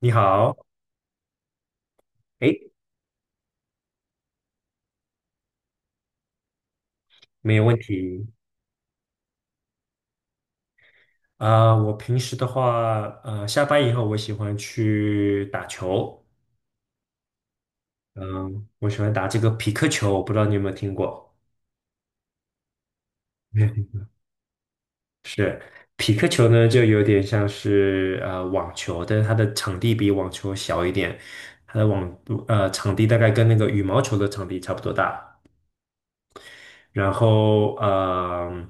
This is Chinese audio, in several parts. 你好。诶，没有问题。我平时的话，下班以后我喜欢去打球。嗯、我喜欢打这个匹克球，我不知道你有没有听过。是匹克球呢，就有点像是网球，但是它的场地比网球小一点，它的网场地大概跟那个羽毛球的场地差不多大。然后呃，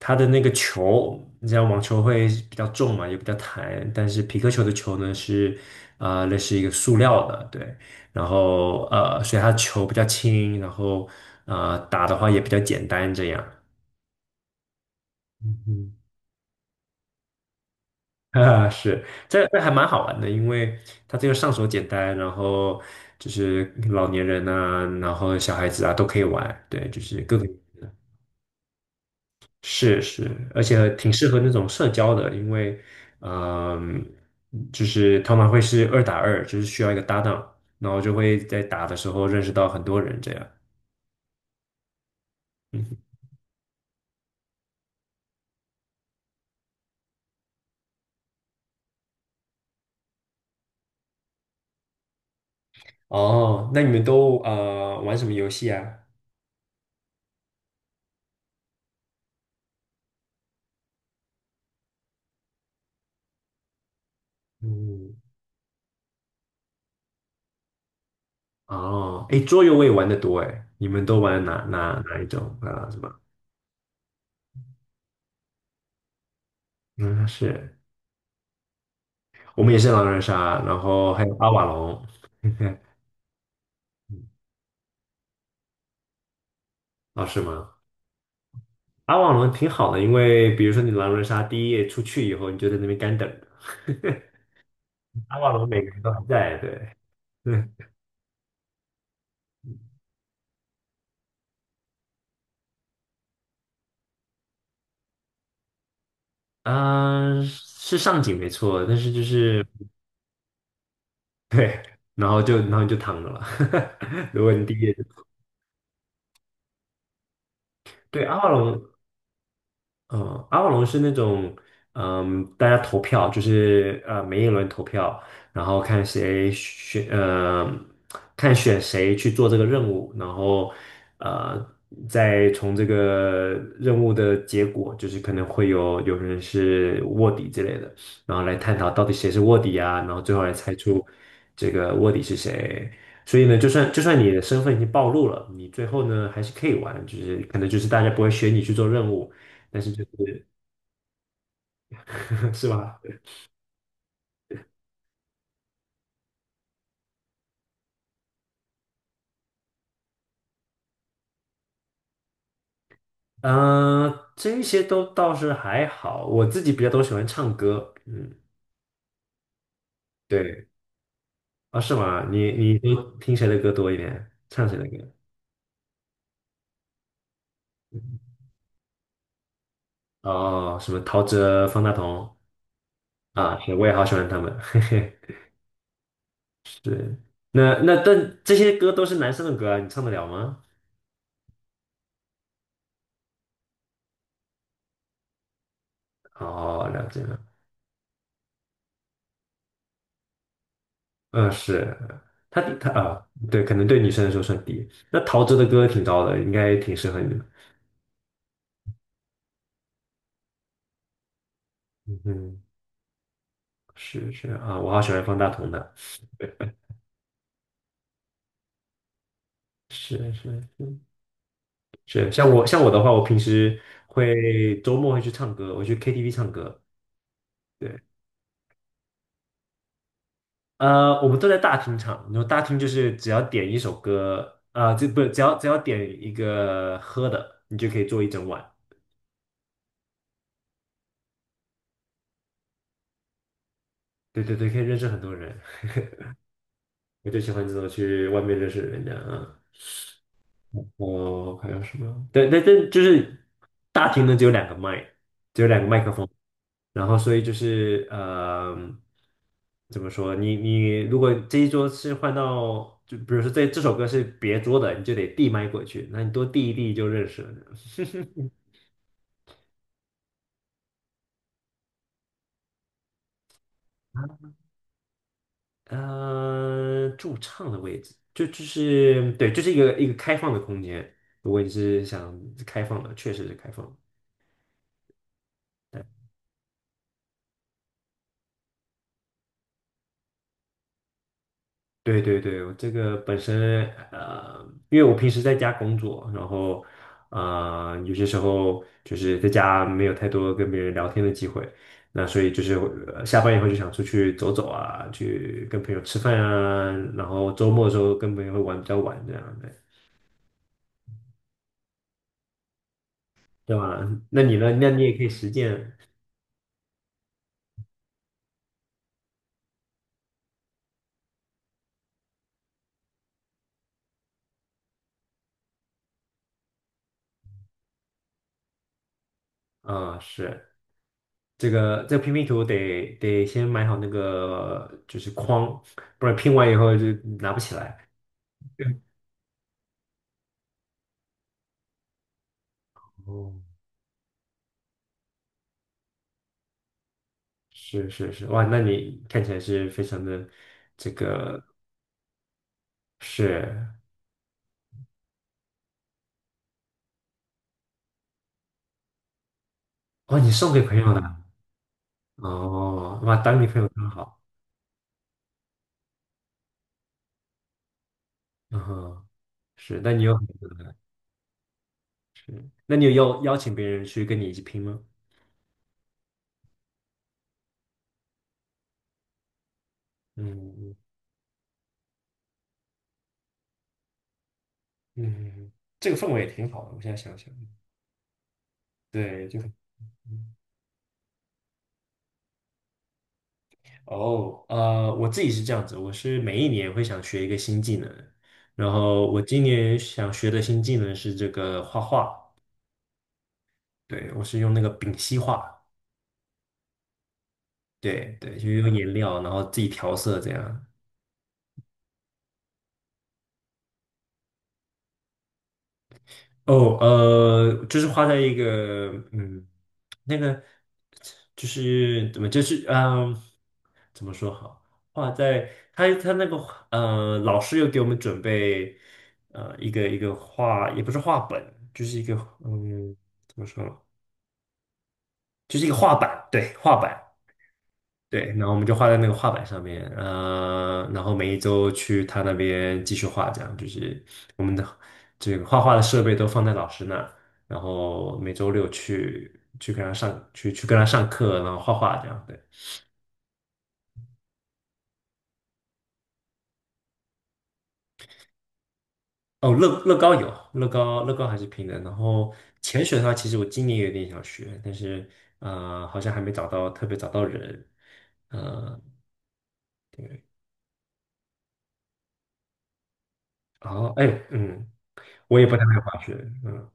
它的那个球，你知道网球会比较重嘛，也比较弹，但是皮克球的球呢是类似一个塑料的，对，所以它球比较轻，然后打的话也比较简单这样。嗯。啊，是，这还蛮好玩的，因为它这个上手简单，然后就是老年人啊，然后小孩子啊都可以玩，对，就是各个。是是，而且挺适合那种社交的，因为，嗯、就是他们会是二打二，就是需要一个搭档，然后就会在打的时候认识到很多人这样。嗯哼。哦，那你们都玩什么游戏啊？嗯。哦，哎，桌游我也玩的多哎，你们都玩哪一种啊？什么？嗯，是。我们也是狼人杀，然后还有阿瓦隆。哦，是吗？阿瓦龙挺好的，因为比如说你狼人杀第一夜出去以后，你就在那边干等着。阿瓦龙每个人都还在，对。 对，啊，是上井没错，但是就是对，然后你就躺着了。如果你第一夜就对。阿瓦隆嗯，阿瓦隆是那种，嗯，大家投票，就是每一轮投票，然后看谁选，看选谁去做这个任务，然后呃，再从这个任务的结果，就是可能会有人是卧底之类的，然后来探讨到底谁是卧底啊，然后最后来猜出这个卧底是谁。所以呢，就算你的身份已经暴露了，你最后呢还是可以玩，就是可能就是大家不会选你去做任务。但是就是 是吧？这些都倒是还好，我自己比较都喜欢唱歌，嗯，对。啊，是吗？你都听谁的歌多一点？唱谁的歌？哦，什么陶喆、方大同。啊，是我也好喜欢他们。嘿嘿，是。那那但这些歌都是男生的歌啊，你唱得了吗？哦，了解了，嗯，是。他他啊，对，可能对女生来说算低。那陶喆的歌挺高的，应该挺适合你的。嗯，是是啊，我好喜欢方大同的，是是是。是，像我的话，我平时会周末会去唱歌，我去 KTV 唱歌。对，呃，我们都在大厅唱，然后大厅就是只要点一首歌，啊、这不只要点一个喝的，你就可以坐一整晚。对对对，可以认识很多人，我就喜欢这种去外面认识人的。啊。我还有什么？对，那这就是大厅呢，只有两个麦，所以就是怎么说？你如果这一桌是换到，就比如说这首歌是别桌的，你就得递麦过去，那你多递一递就认识了。驻唱的位置，就是对，就是一个开放的空间。如果你是想开放的，确实是开放的。对对对，我这个本身呃，因为我平时在家工作，然后有些时候就是在家没有太多跟别人聊天的机会，那所以就是下班以后就想出去走走啊，去跟朋友吃饭啊，然后周末的时候跟朋友会玩比较晚这样的，对吧？那你呢？那你也可以实践。啊，是。这个这个拼图得先买好那个就是框，不然拼完以后就拿不起来。对。哦，是是是，哇，那你看起来是非常的这个。是，哦，你送给朋友的啊。哦，哇，当你朋友真好，嗯哼。是，那你有很多的。那你有邀请别人去跟你一起拼吗？嗯嗯，嗯嗯嗯。这个氛围也挺好的，我现在想想，对，就很。哦，我自己是这样子，我是每一年会想学一个新技能，然后我今年想学的新技能是这个画画。对，我是用那个丙烯画。对对，就用颜料，然后自己调色这样。哦，就是画在一个，嗯，那个就是怎么，就是嗯，怎么说好？画在他那个老师又给我们准备一个画，也不是画本，就是一个嗯，怎么说呢？就是一个画板，对，画板。对，然后我们就画在那个画板上面，然后每一周去他那边继续画，这样就是我们的这个画画的设备都放在老师那儿，然后每周六去跟他上去去跟他上课，然后画画这样。对，哦，乐高有。乐高，乐高还是平的。然后潜水的话，其实我今年有点想学，但是好像还没找到特别找到人，呃，然后哎，嗯，我也不太会滑雪，嗯。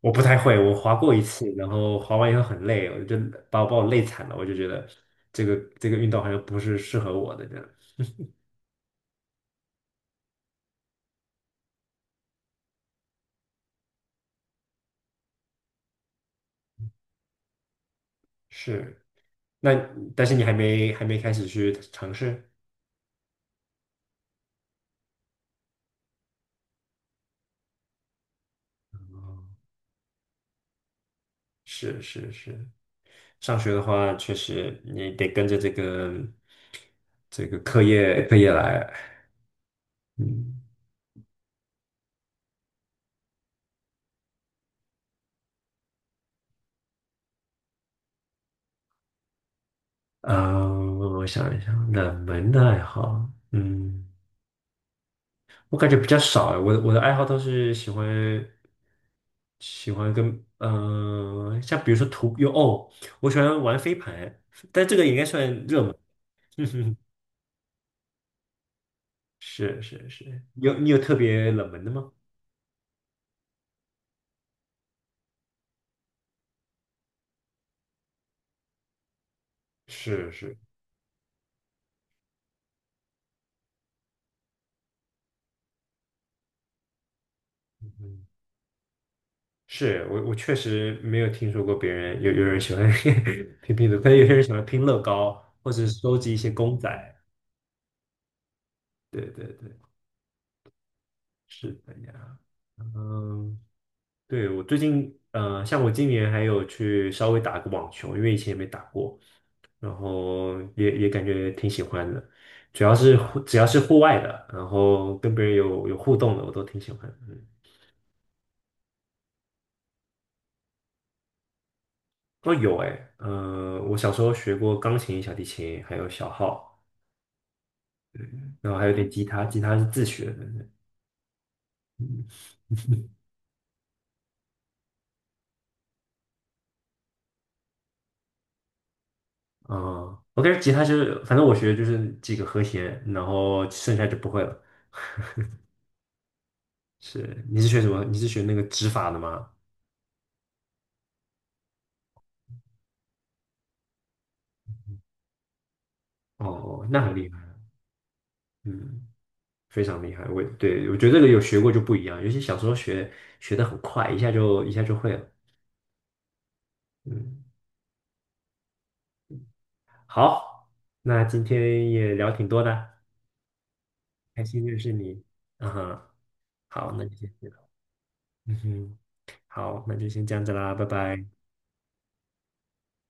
我不太会，我滑过一次，然后滑完以后很累，我就把我累惨了，我就觉得这个运动好像不是适合我的这样。是，那但是你还没开始去尝试。是是是。上学的话，确实你得跟着这个这个课业来。嗯，啊、我想一想，冷门的爱好，嗯。我感觉比较少哎，我的爱好都是喜欢喜欢跟像比如说徒有哦，我喜欢玩飞盘，但这个也应该算热门。是是是。有，你有特别冷门的吗？是是，嗯，是我我确实没有听说过别人有有人喜欢 拼图，可能有些人喜欢拼乐高，或者收集一些公仔。对对对，是的呀，嗯。对，我最近，像我今年还有去稍微打个网球，因为以前也没打过，然后也也感觉挺喜欢的，主要是户只要是户外的，然后跟别人有互动的，我都挺喜欢的。嗯，哦，有哎，我小时候学过钢琴、小提琴，还有小号，然后还有点吉他，吉他是自学的。嗯，哦，o k 吉他就是反正我学的就是几个和弦，然后剩下就不会了。是，你是学什么？你是学那个指法的吗？哦，那很厉害。嗯，非常厉害。我对我觉得这个有学过就不一样，尤其小时候学的很快，一下就会了。嗯，好，那今天也聊挺多的，开心认识你。嗯哼，好，那就先这样。嗯哼，好，那就先这样子啦，拜拜。